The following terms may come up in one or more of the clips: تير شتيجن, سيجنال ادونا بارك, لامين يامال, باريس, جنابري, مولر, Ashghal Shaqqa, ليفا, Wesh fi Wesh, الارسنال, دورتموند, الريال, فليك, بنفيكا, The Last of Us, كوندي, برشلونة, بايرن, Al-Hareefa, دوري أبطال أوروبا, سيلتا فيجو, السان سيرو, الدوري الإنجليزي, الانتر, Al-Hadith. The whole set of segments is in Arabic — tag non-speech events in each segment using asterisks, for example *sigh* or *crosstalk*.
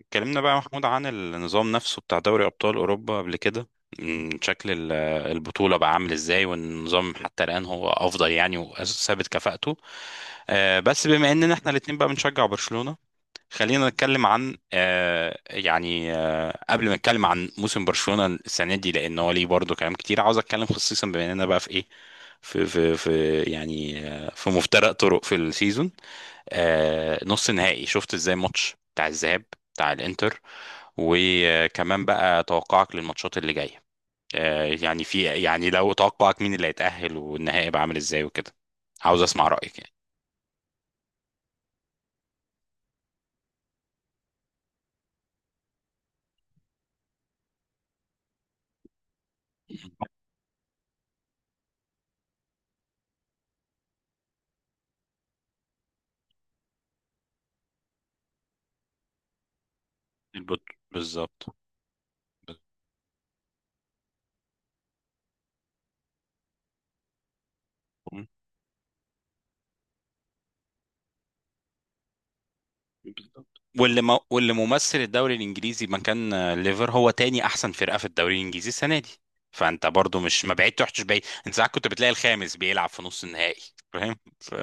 اتكلمنا بقى يا محمود عن النظام نفسه بتاع دوري أبطال أوروبا قبل كده. شكل البطولة بقى عامل ازاي والنظام حتى الآن هو أفضل يعني وثابت كفاءته. بس بما إننا احنا الاتنين بقى بنشجع برشلونة. خلينا نتكلم عن قبل ما نتكلم عن موسم برشلونة السنة دي، لأن هو ليه برضه كلام كتير عاوز أتكلم خصيصا بما إننا بقى في إيه، في يعني في مفترق طرق في السيزون. نص نهائي، شفت ازاي الماتش بتاع الذهاب بتاع الانتر؟ وكمان بقى توقعك للماتشات اللي جاية. يعني في يعني لو توقعك مين اللي هيتأهل والنهائي بقى عامل ازاي وكده. عاوز اسمع رأيك يعني. بالظبط. بالظبط. واللي ممثل الدوري الانجليزي مكان هو تاني احسن فرقة في الدوري الانجليزي السنة دي. فانت برضو مش ما بعيد تحتش بعيد، انت ساعات كنت بتلاقي الخامس بيلعب في نص النهائي. فاهم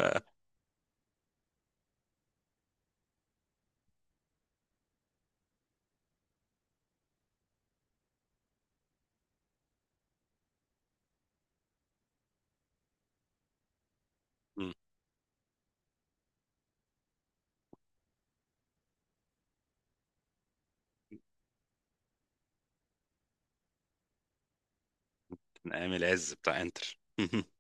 من ايام العز بتاع انتر *laughs*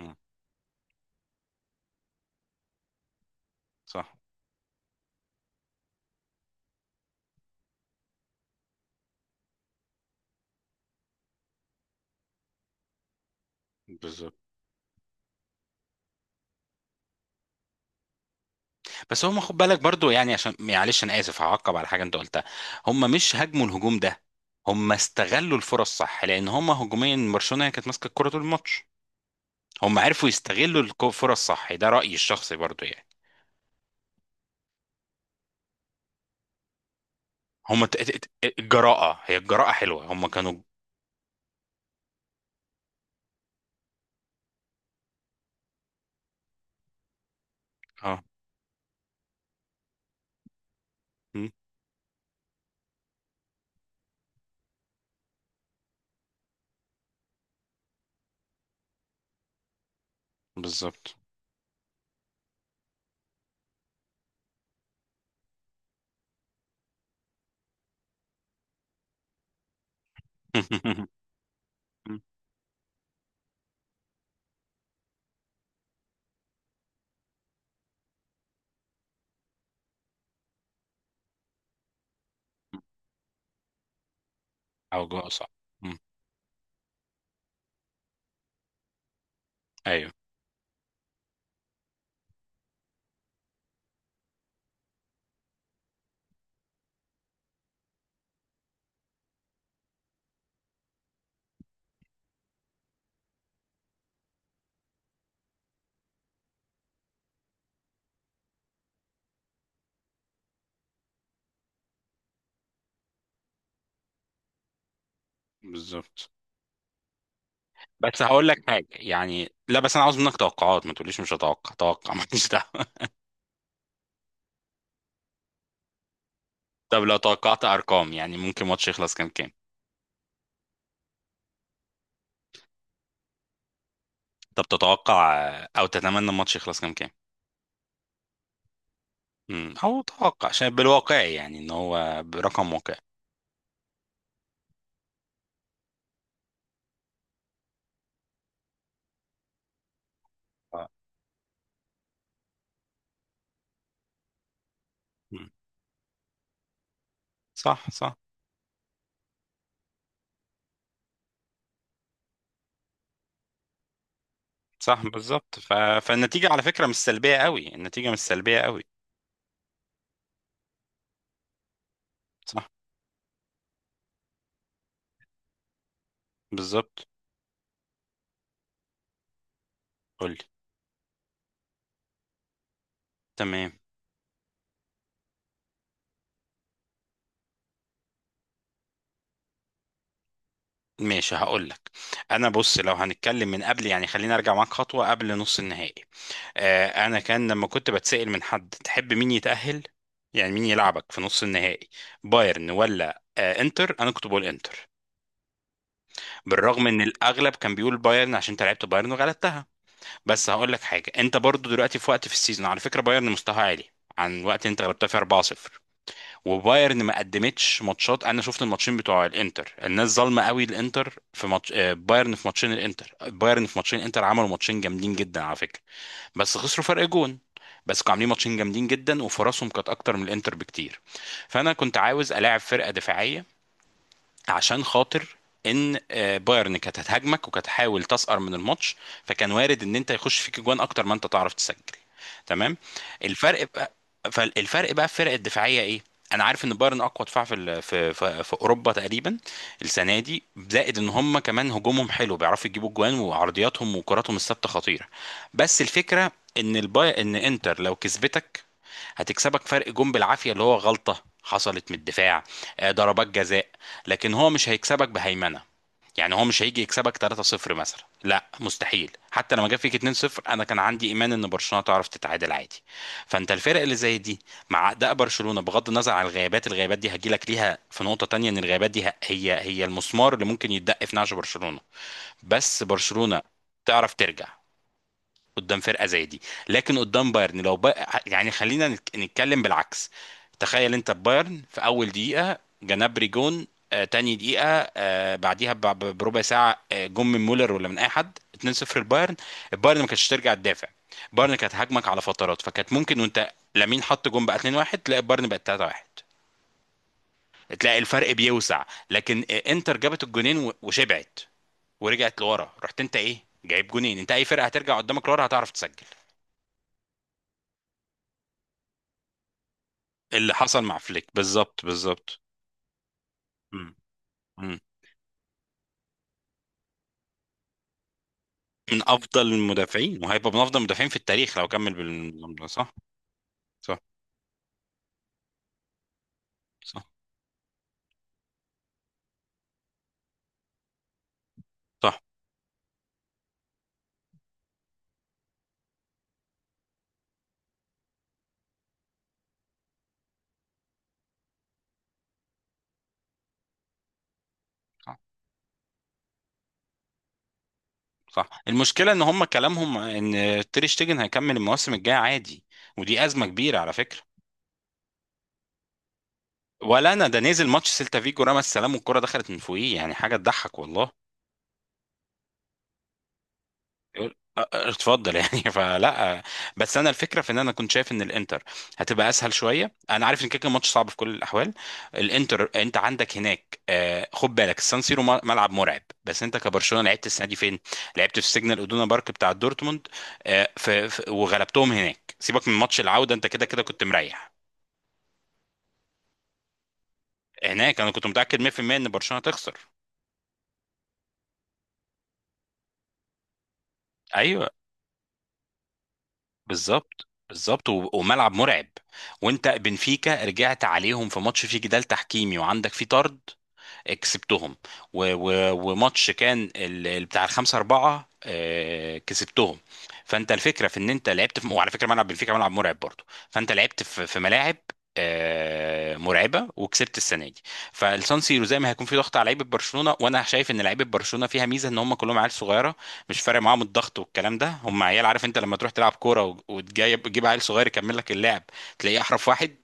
آه، صح. بالظبط. بس هم خد بالك برضو يعني عشان معلش انا اسف، هعقب على حاجه انت قلتها. هم مش هاجموا الهجوم ده، هم استغلوا الفرص صح، لان هم هجوميا برشلونه هي كانت ماسكه الكره طول الماتش. هم عرفوا يستغلوا الفرص صح، ده رايي الشخصي برضو يعني. هم ت- ت- ت- الجراءه، هي الجراءه حلوه، هم كانوا. اه. م، بالظبط. *laughs* او جراءه صح. م، ايوه بالظبط. بس هقول لك حاجه، يعني لا بس انا عاوز منك توقعات، ما تقوليش مش هتوقع، توقع، ماليش دعوه. *laughs* طب لو توقعت ارقام يعني، ممكن ماتش يخلص كام كام؟ طب تتوقع او تتمنى الماتش يخلص كام كام؟ او توقع عشان بالواقعي يعني ان هو برقم واقعي. آه. مم. صح صح. صح بالظبط فالنتيجه على فكره مش سلبيه قوي، النتيجه مش سلبيه قوي. صح. بالظبط. قول لي. تمام. ماشي هقول لك. انا بص لو هنتكلم من قبل يعني، خلينا ارجع معاك خطوه قبل نص النهائي. انا كان لما كنت بتسأل من حد تحب مين يتأهل، يعني مين يلعبك في نص النهائي، بايرن ولا انتر، انا كنت بقول انتر، بالرغم ان الاغلب كان بيقول بايرن عشان انت لعبت بايرن وغلبتها. بس هقول لك حاجه، انت برضو دلوقتي في وقت في السيزون على فكره بايرن مستواها عالي عن وقت انت غلبتها في 4-0. وبايرن ما قدمتش ماتشات، انا شفت الماتشين بتوع الانتر، الناس ظالمه قوي الانتر في ماتش بايرن، في ماتشين الانتر بايرن، في ماتشين الانتر عملوا ماتشين جامدين جدا على فكره. بس خسروا فرق جون. بس كانوا عاملين ماتشين جامدين جدا وفرصهم كانت اكتر من الانتر بكتير. فانا كنت عاوز الاعب فرقه دفاعيه عشان خاطر ان بايرن كانت هتهاجمك وكانت هتحاول تسقر من الماتش، فكان وارد ان انت يخش فيك جوان اكتر ما انت تعرف تسجل. تمام. الفرق بقى فالفرق بقى في الفرق الدفاعيه ايه. انا عارف ان بايرن اقوى دفاع في ال- في في, في اوروبا تقريبا السنه دي. زائد ان هم كمان هجومهم حلو، بيعرفوا يجيبوا جوان، وعرضياتهم وكراتهم الثابته خطيره. بس الفكره ان الباي ان انتر لو كسبتك هتكسبك فرق جون بالعافيه، اللي هو غلطه حصلت من الدفاع، ضربات جزاء. لكن هو مش هيكسبك بهيمنه، يعني هو مش هيجي يكسبك 3-0 مثلا، لا مستحيل. حتى لما جاب فيك 2-0 انا كان عندي ايمان ان برشلونه تعرف تتعادل عادي. فانت الفرق اللي زي دي مع اداء برشلونه، بغض النظر عن الغيابات، الغيابات دي هجيلك ليها في نقطه تانية، ان الغيابات دي هي المسمار اللي ممكن يتدق في نعش برشلونه. بس برشلونه تعرف ترجع قدام فرقه زي دي. لكن قدام بايرن يعني خلينا نتكلم بالعكس. تخيل انت بايرن في اول دقيقه جنابري جون، آه تاني دقيقه، آه بعديها بربع ساعه، آه جون من مولر ولا من اي حد 2-0 البايرن ما كانتش ترجع تدافع، بايرن كانت هاجمك على فترات، فكانت ممكن وانت لامين حط جون بقى 2-1 تلاقي بايرن بقت 3-1، تلاقي الفرق بيوسع. لكن انتر جابت الجونين وشبعت ورجعت لورا، رحت انت ايه جايب جونين، انت اي فرقه هترجع قدامك لورا هتعرف تسجل. اللي حصل مع فليك. بالظبط. بالظبط. مم. مم. من افضل المدافعين، وهيبقى من افضل المدافعين في التاريخ لو كمل بالنظام ده. صح. صح. صح. صح. صح. صح. المشكله ان هم كلامهم ان تير شتيجن هيكمل المواسم الجايه عادي، ودي ازمه كبيره على فكره. ولا انا ده نزل ماتش سيلتا فيجو، رمى السلام والكره دخلت من فوقيه، يعني حاجه تضحك والله. يقول اتفضل يعني *laughs* فلا. بس انا الفكره في ان انا كنت شايف ان الانتر هتبقى اسهل شويه. انا عارف ان كده كده الماتش صعب في كل الاحوال. الانتر انت عندك هناك خد بالك السان سيرو ملعب مرعب. بس انت كبرشلونه لعبت السنه دي فين؟ لعبت في سيجنال ادونا بارك بتاع دورتموند. وغلبتهم هناك، سيبك من ماتش العوده، انت كده كده كنت مريح. هناك انا كنت متاكد 100% ان برشلونه تخسر. ايوه بالظبط. بالظبط. وملعب مرعب. وانت بنفيكا رجعت عليهم في ماتش فيه جدال تحكيمي وعندك فيه طرد، كسبتهم. وماتش كان بتاع الخمسة أربعة، كسبتهم. فأنت الفكرة في إن أنت وعلى فكرة ملعب بنفيكا ملعب مرعب برضه. فأنت لعبت في ملاعب مرعبة وكسبت السنة دي. فالسان سيرو زي ما هيكون في ضغط على لعيبة برشلونة، وأنا شايف إن لعيبة برشلونة فيها ميزة، إن هم كلهم عيال صغيرة، مش فارق معاهم الضغط والكلام ده، هم عيال. عارف أنت لما تروح تلعب كورة وتجيب عيل صغير يكمل لك اللعب، تلاقيه أحرف واحد.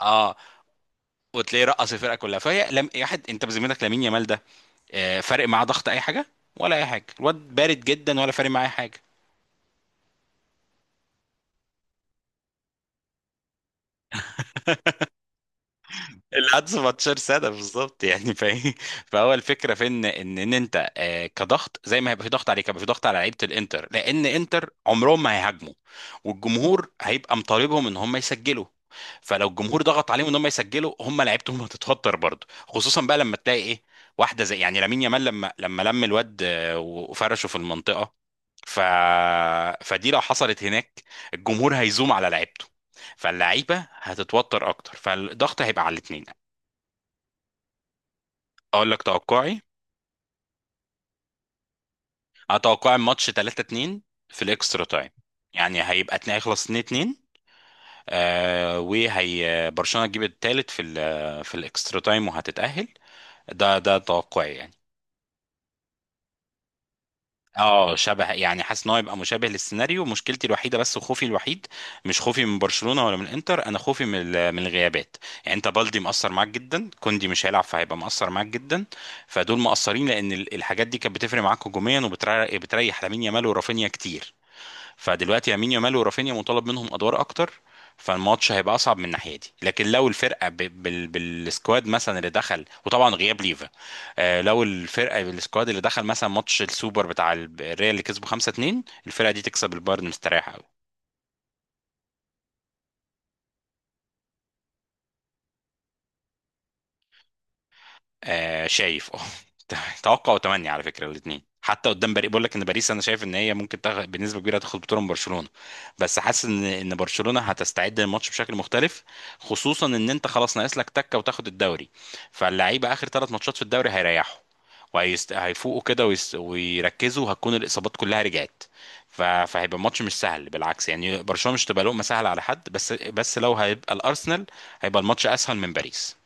اه. وتلاقيه رقص الفرقه كلها فهي لم... واحد. انت بذمتك لامين يامال ده فارق معاه ضغط اي حاجه ولا اي حاجه؟ الواد بارد جدا، ولا فارق معاه أي حاجه. العدس ماتشر سادة بالظبط يعني فاهم. فهو الفكره في ان انت كضغط، زي ما هيبقى في ضغط عليك هيبقى في ضغط على لعيبه الانتر، لان انتر عمرهم ما هيهاجموا. والجمهور هيبقى مطالبهم ان هم يسجلوا. فلو الجمهور ضغط عليهم ان هم يسجلوا، هم لعيبتهم هتتوتر برضه، خصوصا بقى لما تلاقي ايه، واحده زي يعني لامين يامال، لما لما لم الواد وفرشه في المنطقه. ف... فدي لو حصلت هناك، الجمهور هيزوم على لعيبته، فاللعيبه هتتوتر اكتر، فالضغط هيبقى على الاثنين. اقول لك توقعي، انا توقعي الماتش 3-2 في الاكسترا تايم. يعني هيخلص 2-2، آه، وهي برشلونه تجيب الثالث في في الاكسترا تايم وهتتاهل. ده توقعي يعني. اه شبه، يعني حاسس ان هو يبقى مشابه للسيناريو. مشكلتي الوحيده بس وخوفي الوحيد، مش خوفي من برشلونه ولا من الانتر، انا خوفي من من الغيابات. يعني انت بالدي مأثر معاك جدا، كوندي مش هيلعب فهيبقى مأثر معاك جدا، فدول مأثرين لان الحاجات دي كانت بتفرق معاك هجوميا وبتريح لامين يامال ورافينيا كتير. فدلوقتي يمين يامال ورافينيا مطالب منهم ادوار اكتر. فالماتش هيبقى اصعب من الناحيه دي. لكن لو الفرقه بالسكواد مثلا اللي دخل، وطبعا غياب ليفا، آه لو الفرقه بالسكواد اللي دخل مثلا ماتش السوبر بتاع الريال اللي كسبه 5-2، الفرقه دي تكسب البايرن مستريحه. آه شايف اه. *laughs* توقع وتمني على فكره الاثنين. حتى قدام باريس بقول لك ان باريس انا شايف ان هي ممكن بنسبه كبيره هتاخد بطوله من برشلونه. بس حاسس ان برشلونه هتستعد للماتش بشكل مختلف، خصوصا ان انت خلاص ناقص لك تكه وتاخد الدوري. فاللعيبه اخر ثلاث ماتشات في الدوري هيريحوا هيفوقوا كده ويركزوا، وهتكون الاصابات كلها رجعت. فهيبقى الماتش مش سهل بالعكس، يعني برشلونه مش تبقى لقمه سهله على حد. بس لو هيبقى الارسنال هيبقى الماتش اسهل من باريس.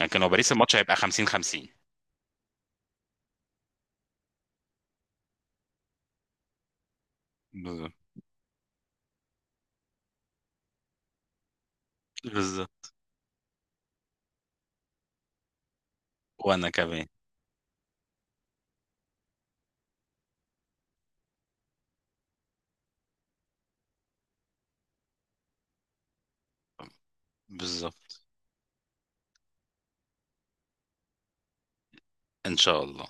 لكن لو باريس الماتش هيبقى 50-50. بالظبط. بالظبط. وانا كمان. بالظبط ان شاء الله.